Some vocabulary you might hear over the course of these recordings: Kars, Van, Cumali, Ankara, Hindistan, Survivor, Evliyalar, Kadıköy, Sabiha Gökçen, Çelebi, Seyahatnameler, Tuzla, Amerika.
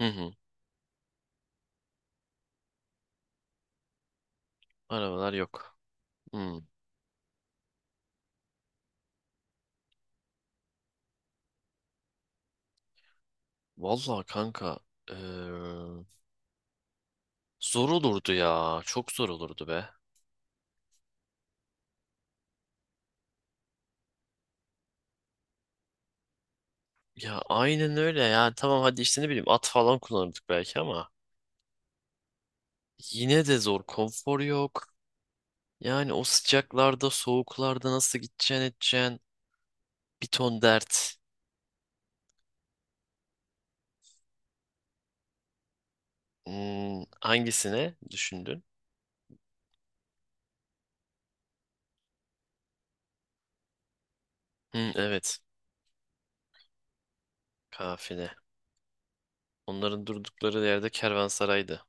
Hı hı. Arabalar yok. Hı. Vallahi kanka, eee, zor olurdu ya. Çok zor olurdu be. Ya aynen öyle ya. Tamam, hadi işte ne bileyim at falan kullanırdık belki ama yine de zor. Konfor yok. Yani o sıcaklarda, soğuklarda nasıl gideceksin edeceksin. Bir ton dert. Hmm, hangisine düşündün? Hı, evet. Kafile. Onların durdukları yerde kervansaraydı.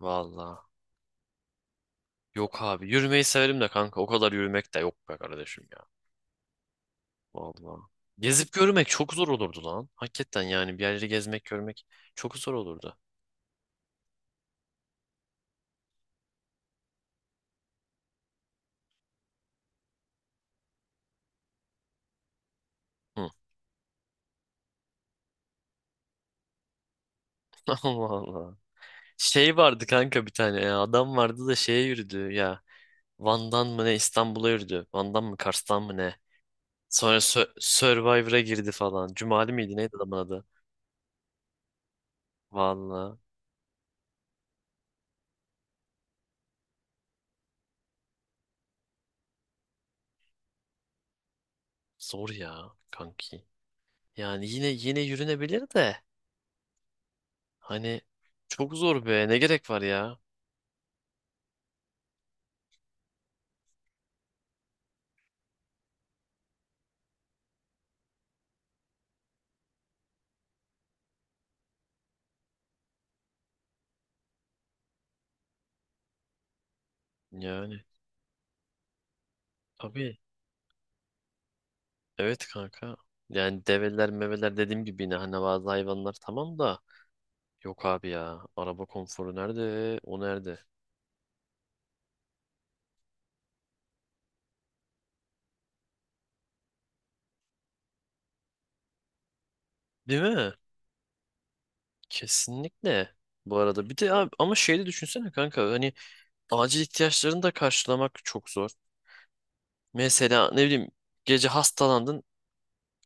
Vallahi. Yok abi. Yürümeyi severim de kanka. O kadar yürümek de yok be kardeşim. Vallahi. Gezip görmek çok zor olurdu lan. Hakikaten yani bir yerleri gezmek görmek çok zor olurdu. Hı. Allah Allah. Şey vardı kanka bir tane ya. Adam vardı da şeye yürüdü ya. Van'dan mı ne İstanbul'a yürüdü. Van'dan mı Kars'tan mı ne. Sonra Survivor'a girdi falan. Cumali miydi neydi adamın adı? Vallahi zor ya kanki. Yani yine yürünebilir de. Hani çok zor be, ne gerek var ya. Yani tabii. Evet kanka. Yani develer meveler dediğim gibi yine hani bazı hayvanlar tamam da yok abi ya. Araba konforu nerede? O nerede? Değil mi? Kesinlikle. Bu arada bir de abi ama şeyi de düşünsene kanka hani acil ihtiyaçlarını da karşılamak çok zor. Mesela ne bileyim gece hastalandın.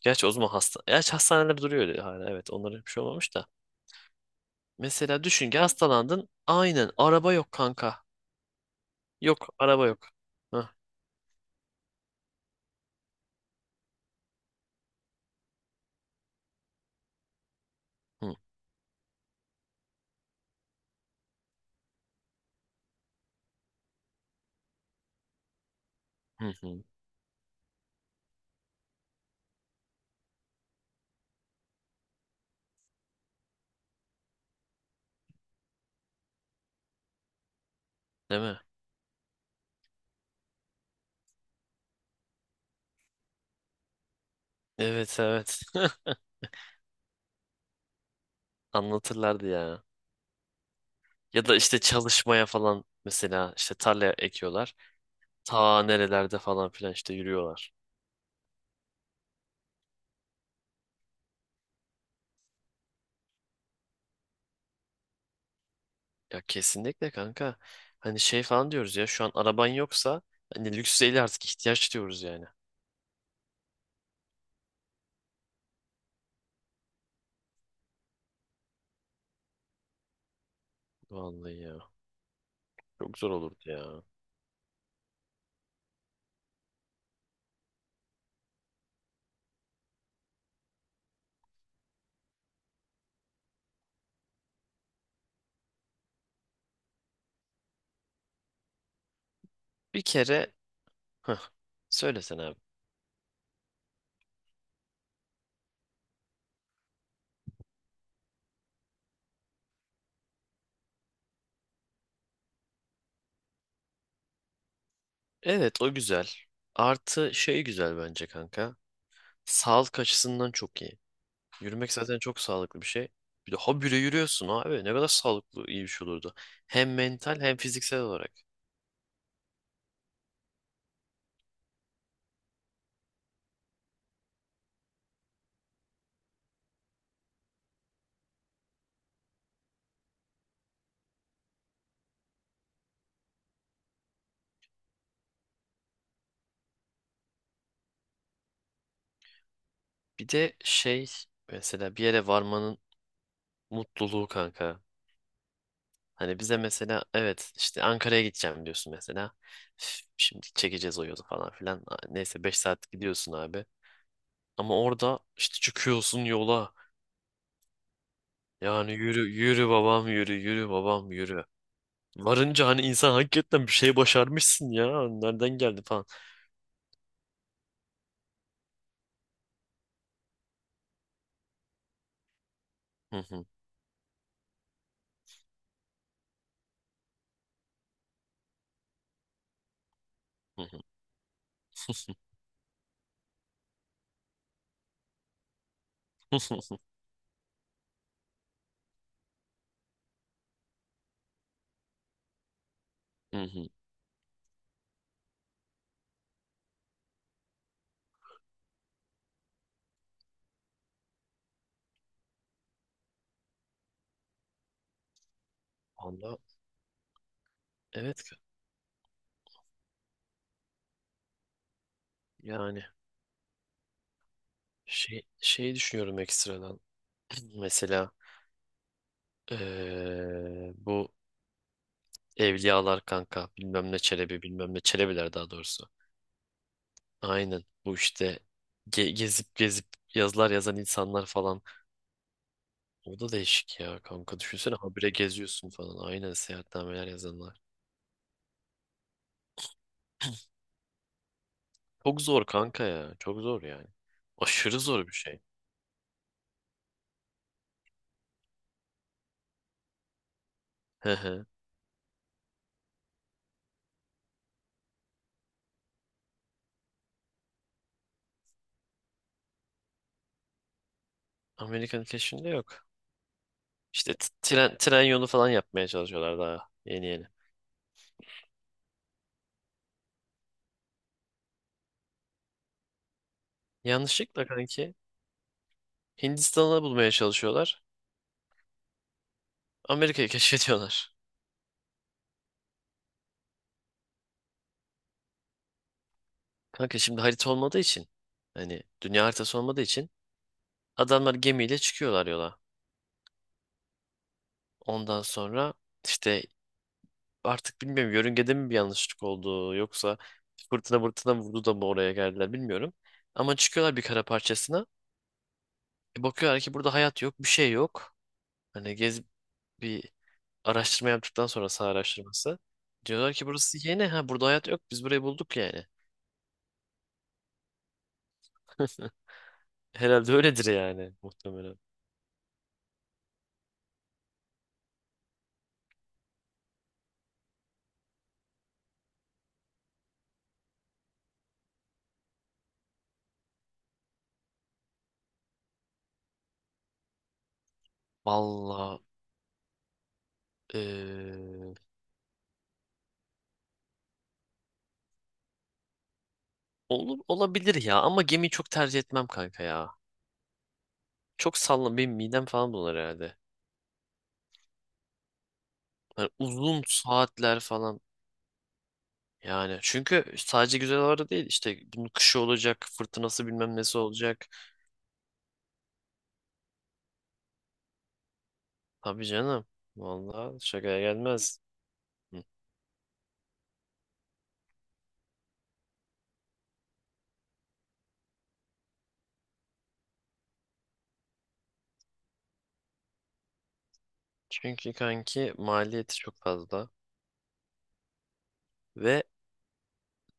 Gerçi o zaman hasta. Gerçi hastaneler duruyor öyle hala, evet onlara bir şey olmamış da. Mesela düşün ki hastalandın. Aynen, araba yok kanka. Yok, araba yok. Hah. Hı, hı hı. Değil mi? Evet evet. Anlatırlardı ya. Ya da işte çalışmaya falan, mesela işte tarla ekiyorlar. Ta nerelerde falan filan işte yürüyorlar. Ya kesinlikle kanka. Hani şey falan diyoruz ya, şu an araban yoksa hani lüks değil artık ihtiyaç diyoruz yani. Vallahi ya. Çok zor olurdu ya. Bir kere heh, söylesene abi. Evet, o güzel. Artı şey güzel bence kanka. Sağlık açısından çok iyi. Yürümek zaten çok sağlıklı bir şey. Bir de habire yürüyorsun abi. Ne kadar sağlıklı, iyi bir şey olurdu. Hem mental hem fiziksel olarak. Bir de şey, mesela bir yere varmanın mutluluğu kanka. Hani bize mesela, evet işte Ankara'ya gideceğim diyorsun mesela. Üf, şimdi çekeceğiz o yolu falan filan. Neyse, 5 saat gidiyorsun abi. Ama orada işte çıkıyorsun yola. Yani yürü yürü babam, yürü yürü babam yürü. Varınca hani insan hakikaten bir şey başarmışsın ya. Nereden geldi falan. Hı hı. Hı hı. Hı hı. Hı hı. Valla evet, yani şey düşünüyorum ekstradan. Mesela bu Evliyalar kanka, bilmem ne Çelebi, bilmem ne Çelebiler daha doğrusu. Aynen bu işte gezip yazılar yazan insanlar falan. O da değişik ya kanka, düşünsene habire geziyorsun falan. Aynen, seyahatnameler yazanlar. Çok zor kanka ya, çok zor yani. Aşırı zor bir şey. Hı hı. Amerikan keşfinde yok. İşte tren yolu falan yapmaya çalışıyorlar daha yeni yeni. Yanlışlıkla kanki Hindistan'ı bulmaya çalışıyorlar. Amerika'yı keşfediyorlar. Kanka şimdi harita olmadığı için, hani dünya haritası olmadığı için adamlar gemiyle çıkıyorlar yola. Ondan sonra işte artık bilmiyorum, yörüngede mi bir yanlışlık oldu yoksa fırtına vurdu da mı oraya geldiler bilmiyorum. Ama çıkıyorlar bir kara parçasına. E bakıyorlar ki burada hayat yok, bir şey yok. Hani gez, bir araştırma yaptıktan sonra, saha araştırması. Diyorlar ki burası yeni ha, burada hayat yok, biz burayı bulduk yani. Herhalde öyledir yani, muhtemelen. Valla eee, olur, olabilir ya ama gemiyi çok tercih etmem kanka ya. Çok sallan, benim midem falan bulanır herhalde. Hani uzun saatler falan, yani çünkü sadece güzel havalarda değil, işte bunun kışı olacak, fırtınası bilmem nesi olacak. Tabii canım, valla şakaya gelmez. Hı. Çünkü kanki maliyeti çok fazla ve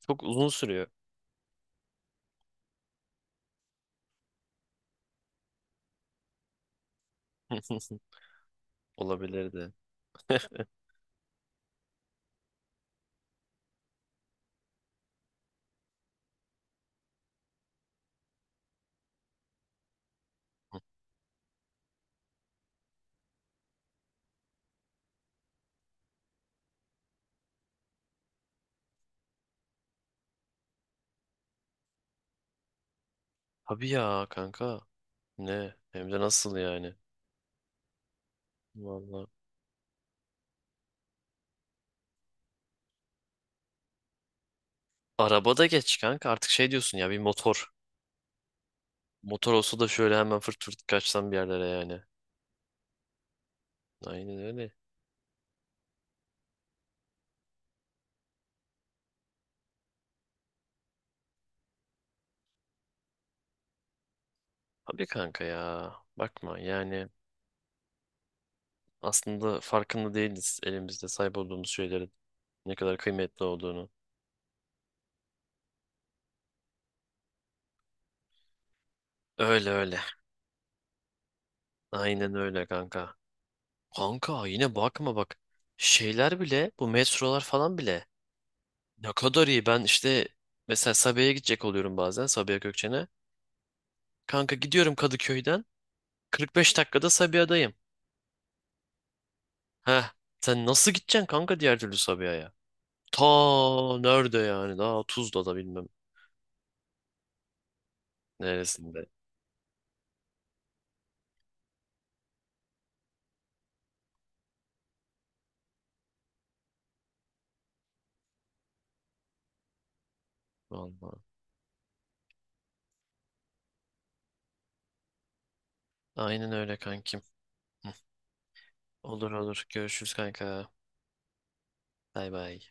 çok uzun sürüyor. Olabilirdi. Tabii ya kanka. Ne? Hem de nasıl yani? Vallahi. Arabada geç kanka. Artık şey diyorsun ya, bir motor. Motor olsa da şöyle hemen fırt fırt kaçsam bir yerlere yani. Aynen öyle. Tabii kanka ya. Bakma yani, aslında farkında değiliz elimizde sahip olduğumuz şeylerin ne kadar kıymetli olduğunu. Öyle öyle. Aynen öyle kanka. Kanka yine bakma bak. Şeyler bile, bu metrolar falan bile ne kadar iyi. Ben işte mesela Sabiha'ya gidecek oluyorum bazen, Sabiha Gökçen'e. Kanka gidiyorum Kadıköy'den 45 dakikada Sabiha'dayım. Heh, sen nasıl gideceksin kanka diğer türlü Sabiha'ya? Ta nerede yani, daha Tuzla'da bilmem neresinde. Vallahi. Aynen öyle kankim. Olur olur, görüşürüz kanka. Bay bay.